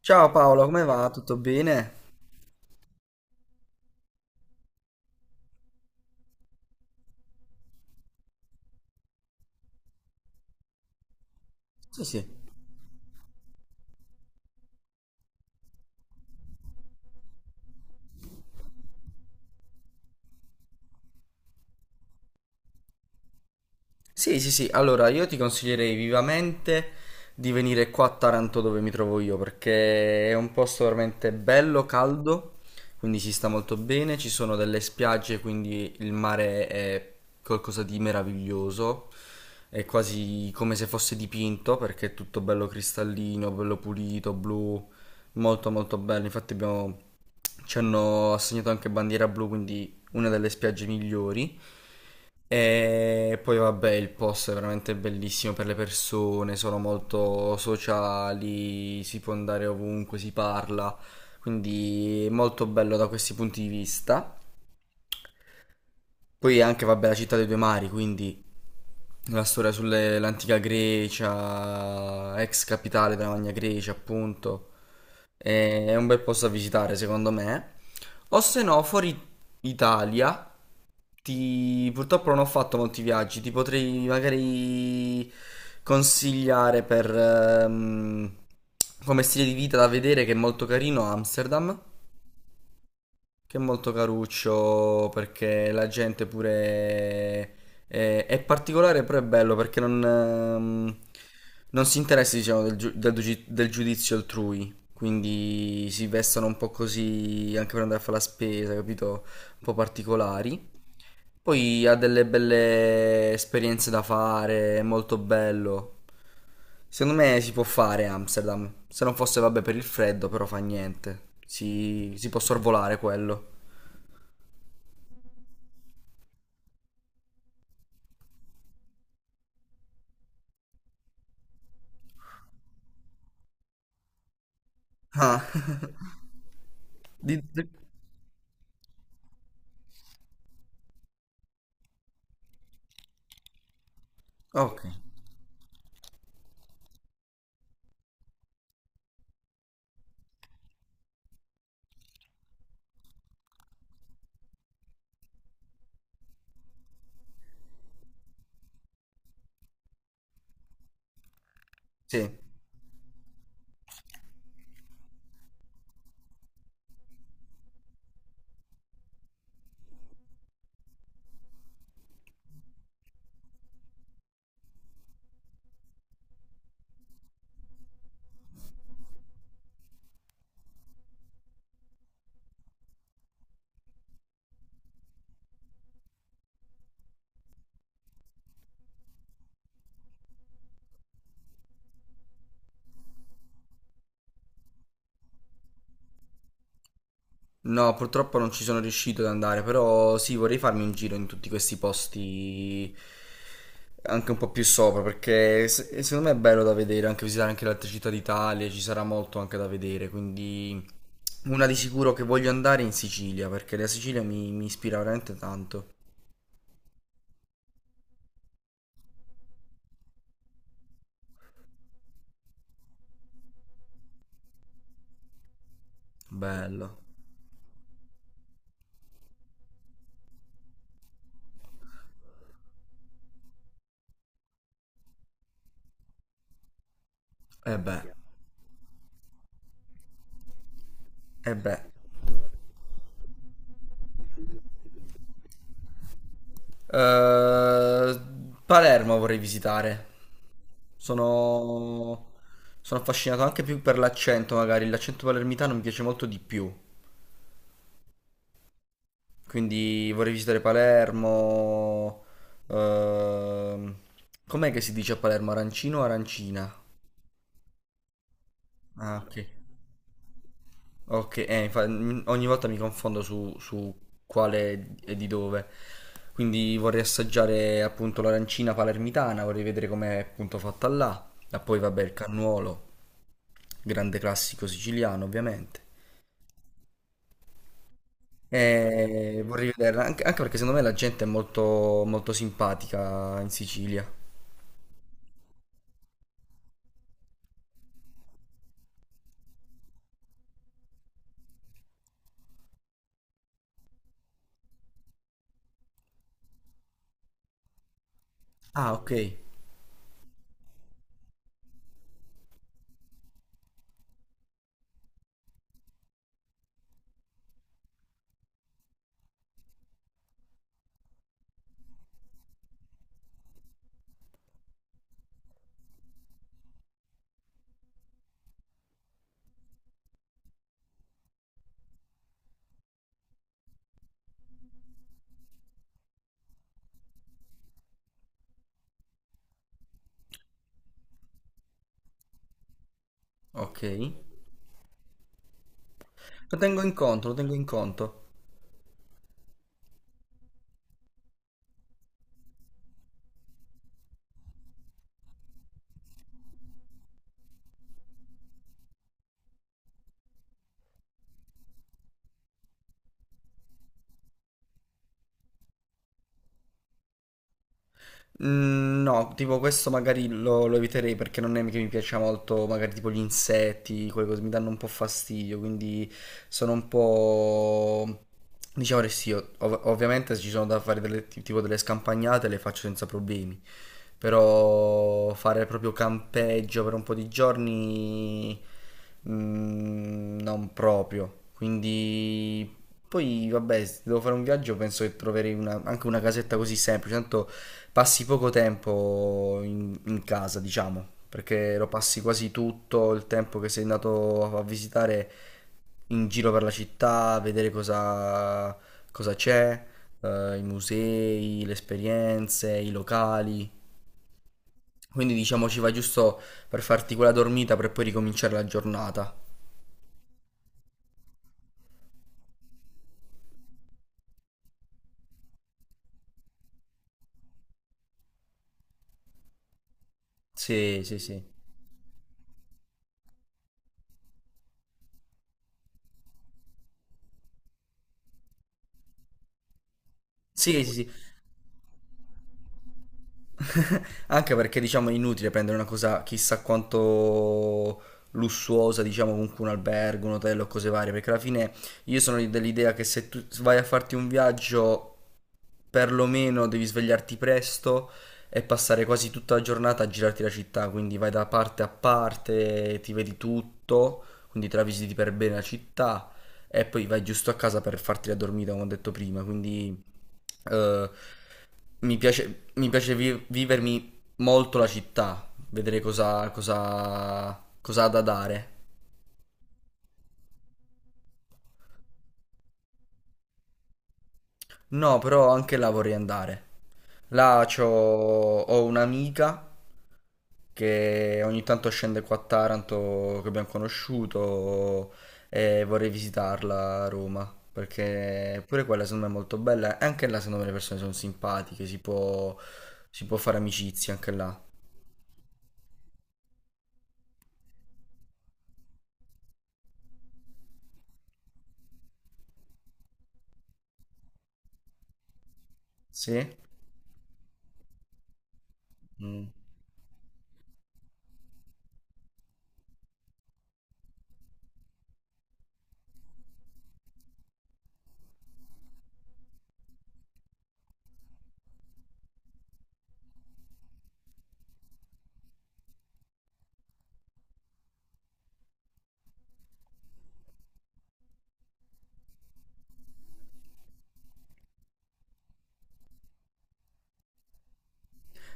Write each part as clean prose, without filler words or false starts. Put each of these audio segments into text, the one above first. Ciao Paolo, come va? Tutto bene? Sì, sì. Sì, sì, sì, allora io ti consiglierei vivamente di venire qua a Taranto dove mi trovo io perché è un posto veramente bello, caldo, quindi si sta molto bene, ci sono delle spiagge, quindi il mare è qualcosa di meraviglioso, è quasi come se fosse dipinto perché è tutto bello cristallino, bello pulito, blu, molto molto bello, infatti abbiamo ci hanno assegnato anche bandiera blu, quindi una delle spiagge migliori. E poi vabbè, il posto è veramente bellissimo per le persone, sono molto sociali, si può andare ovunque, si parla, quindi è molto bello da questi punti di vista. Poi anche vabbè la città dei due mari, quindi la storia sull'antica Grecia, ex capitale della Magna Grecia, appunto. È un bel posto da visitare, secondo me. O se no, fuori Italia, ti... purtroppo non ho fatto molti viaggi, ti potrei magari consigliare per come stile di vita da vedere che è molto carino Amsterdam. Che è molto caruccio perché la gente pure è particolare, però è bello perché non non si interessa, diciamo, del, del giudizio altrui. Quindi si vestono un po' così anche per andare a fare la spesa, capito? Un po' particolari. Poi ha delle belle esperienze da fare, è molto bello. Secondo me si può fare Amsterdam. Se non fosse, vabbè, per il freddo, però fa niente. Si può sorvolare quello. Ah, di- di- ok, sì. No, purtroppo non ci sono riuscito ad andare, però sì, vorrei farmi un giro in tutti questi posti anche un po' più sopra, perché secondo me è bello da vedere, anche visitare anche le altre città d'Italia, ci sarà molto anche da vedere, quindi una di sicuro che voglio andare è in Sicilia, perché la Sicilia mi ispira veramente tanto. Bello. E beh, e beh. Eh, Palermo vorrei visitare. Sono... sono affascinato anche più per l'accento, magari. L'accento palermitano mi piace molto di più. Quindi vorrei visitare Palermo. Ehm, Com'è che si dice a Palermo? Arancino o arancina? Ah, ok. Ok, ogni volta mi confondo su quale e di dove. Quindi vorrei assaggiare appunto l'arancina palermitana, vorrei vedere com'è appunto fatta là. E poi vabbè il cannuolo, grande classico siciliano ovviamente. E vorrei vedere, anche, anche perché secondo me la gente è molto, molto simpatica in Sicilia. Ah, ok, ok. Lo tengo in conto, lo tengo in conto. No, tipo questo magari lo eviterei perché non è che mi piaccia molto, magari tipo gli insetti, quelle cose mi danno un po' fastidio, quindi sono un po'... Diciamo che sì, ovviamente se ci sono da fare delle, tipo delle scampagnate le faccio senza problemi, però fare proprio campeggio per un po' di giorni non proprio, quindi poi, vabbè, se devo fare un viaggio, penso che troverei anche una casetta così semplice, tanto passi poco tempo in casa, diciamo, perché lo passi quasi tutto il tempo che sei andato a visitare in giro per la città, a vedere cosa c'è, i musei, le esperienze, i locali. Quindi, diciamo, ci va giusto per farti quella dormita per poi ricominciare la giornata. Sì, sì, sì. Sì, sì, sì. Anche perché diciamo è inutile prendere una cosa chissà quanto lussuosa, diciamo comunque un albergo, un hotel o cose varie, perché alla fine io sono dell'idea che se tu vai a farti un viaggio perlomeno devi svegliarti presto e passare quasi tutta la giornata a girarti la città, quindi vai da parte a parte, ti vedi tutto, quindi te la visiti per bene la città e poi vai giusto a casa per farti la dormita, come ho detto prima, quindi eh, mi piace vivermi molto la città, vedere cosa, cosa, cosa ha da dare. No, però anche là vorrei andare. Là ho un'amica che ogni tanto scende qua a Taranto, che abbiamo conosciuto, e vorrei visitarla a Roma, perché pure quella secondo me è molto bella, e anche là secondo me le persone sono simpatiche, si può fare amicizia anche là. Sì? Mm.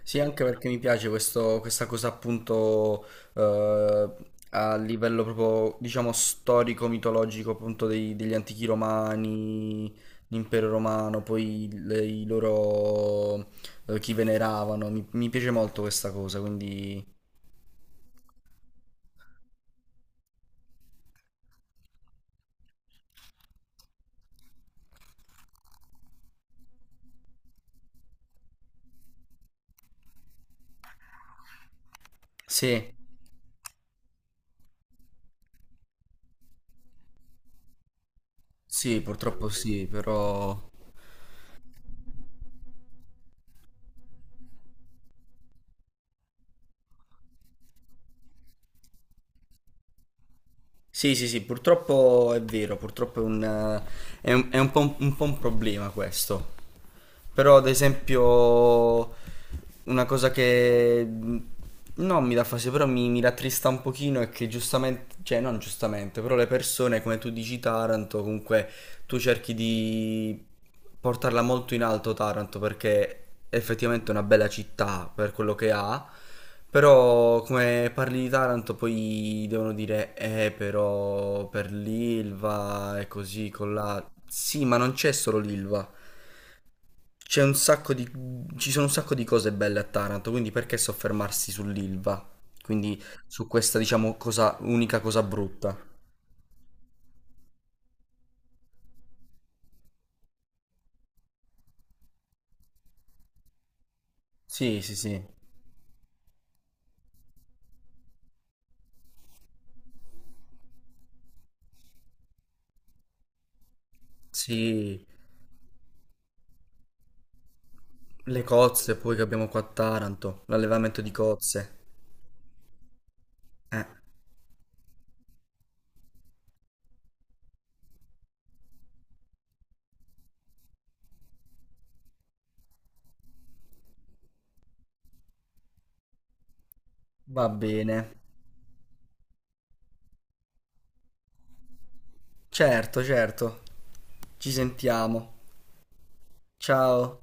Sì, anche perché mi piace questa cosa appunto eh, a livello proprio, diciamo, storico-mitologico appunto degli antichi romani, l'impero romano, poi i loro, chi veneravano, mi piace molto questa cosa, quindi sì, sì, purtroppo sì, però sì, sì, sì, purtroppo è vero, purtroppo è un, è è un po' un problema questo. Però, ad esempio, una cosa che non mi dà fastidio, però mi rattrista un pochino è che giustamente, cioè non giustamente, però le persone, come tu dici, Taranto, comunque tu cerchi di portarla molto in alto Taranto perché è effettivamente una bella città per quello che ha, però come parli di Taranto poi devono dire però per l'Ilva e così con la... Sì, ma non c'è solo l'Ilva. C'è un sacco di... ci sono un sacco di cose belle a Taranto, quindi perché soffermarsi sull'Ilva? Quindi su questa, diciamo, cosa, unica cosa brutta. Sì, sì, sì. Sì, le cozze poi che abbiamo qua a Taranto, l'allevamento di cozze. Eh, va bene. Certo, certo. Ci sentiamo. Ciao.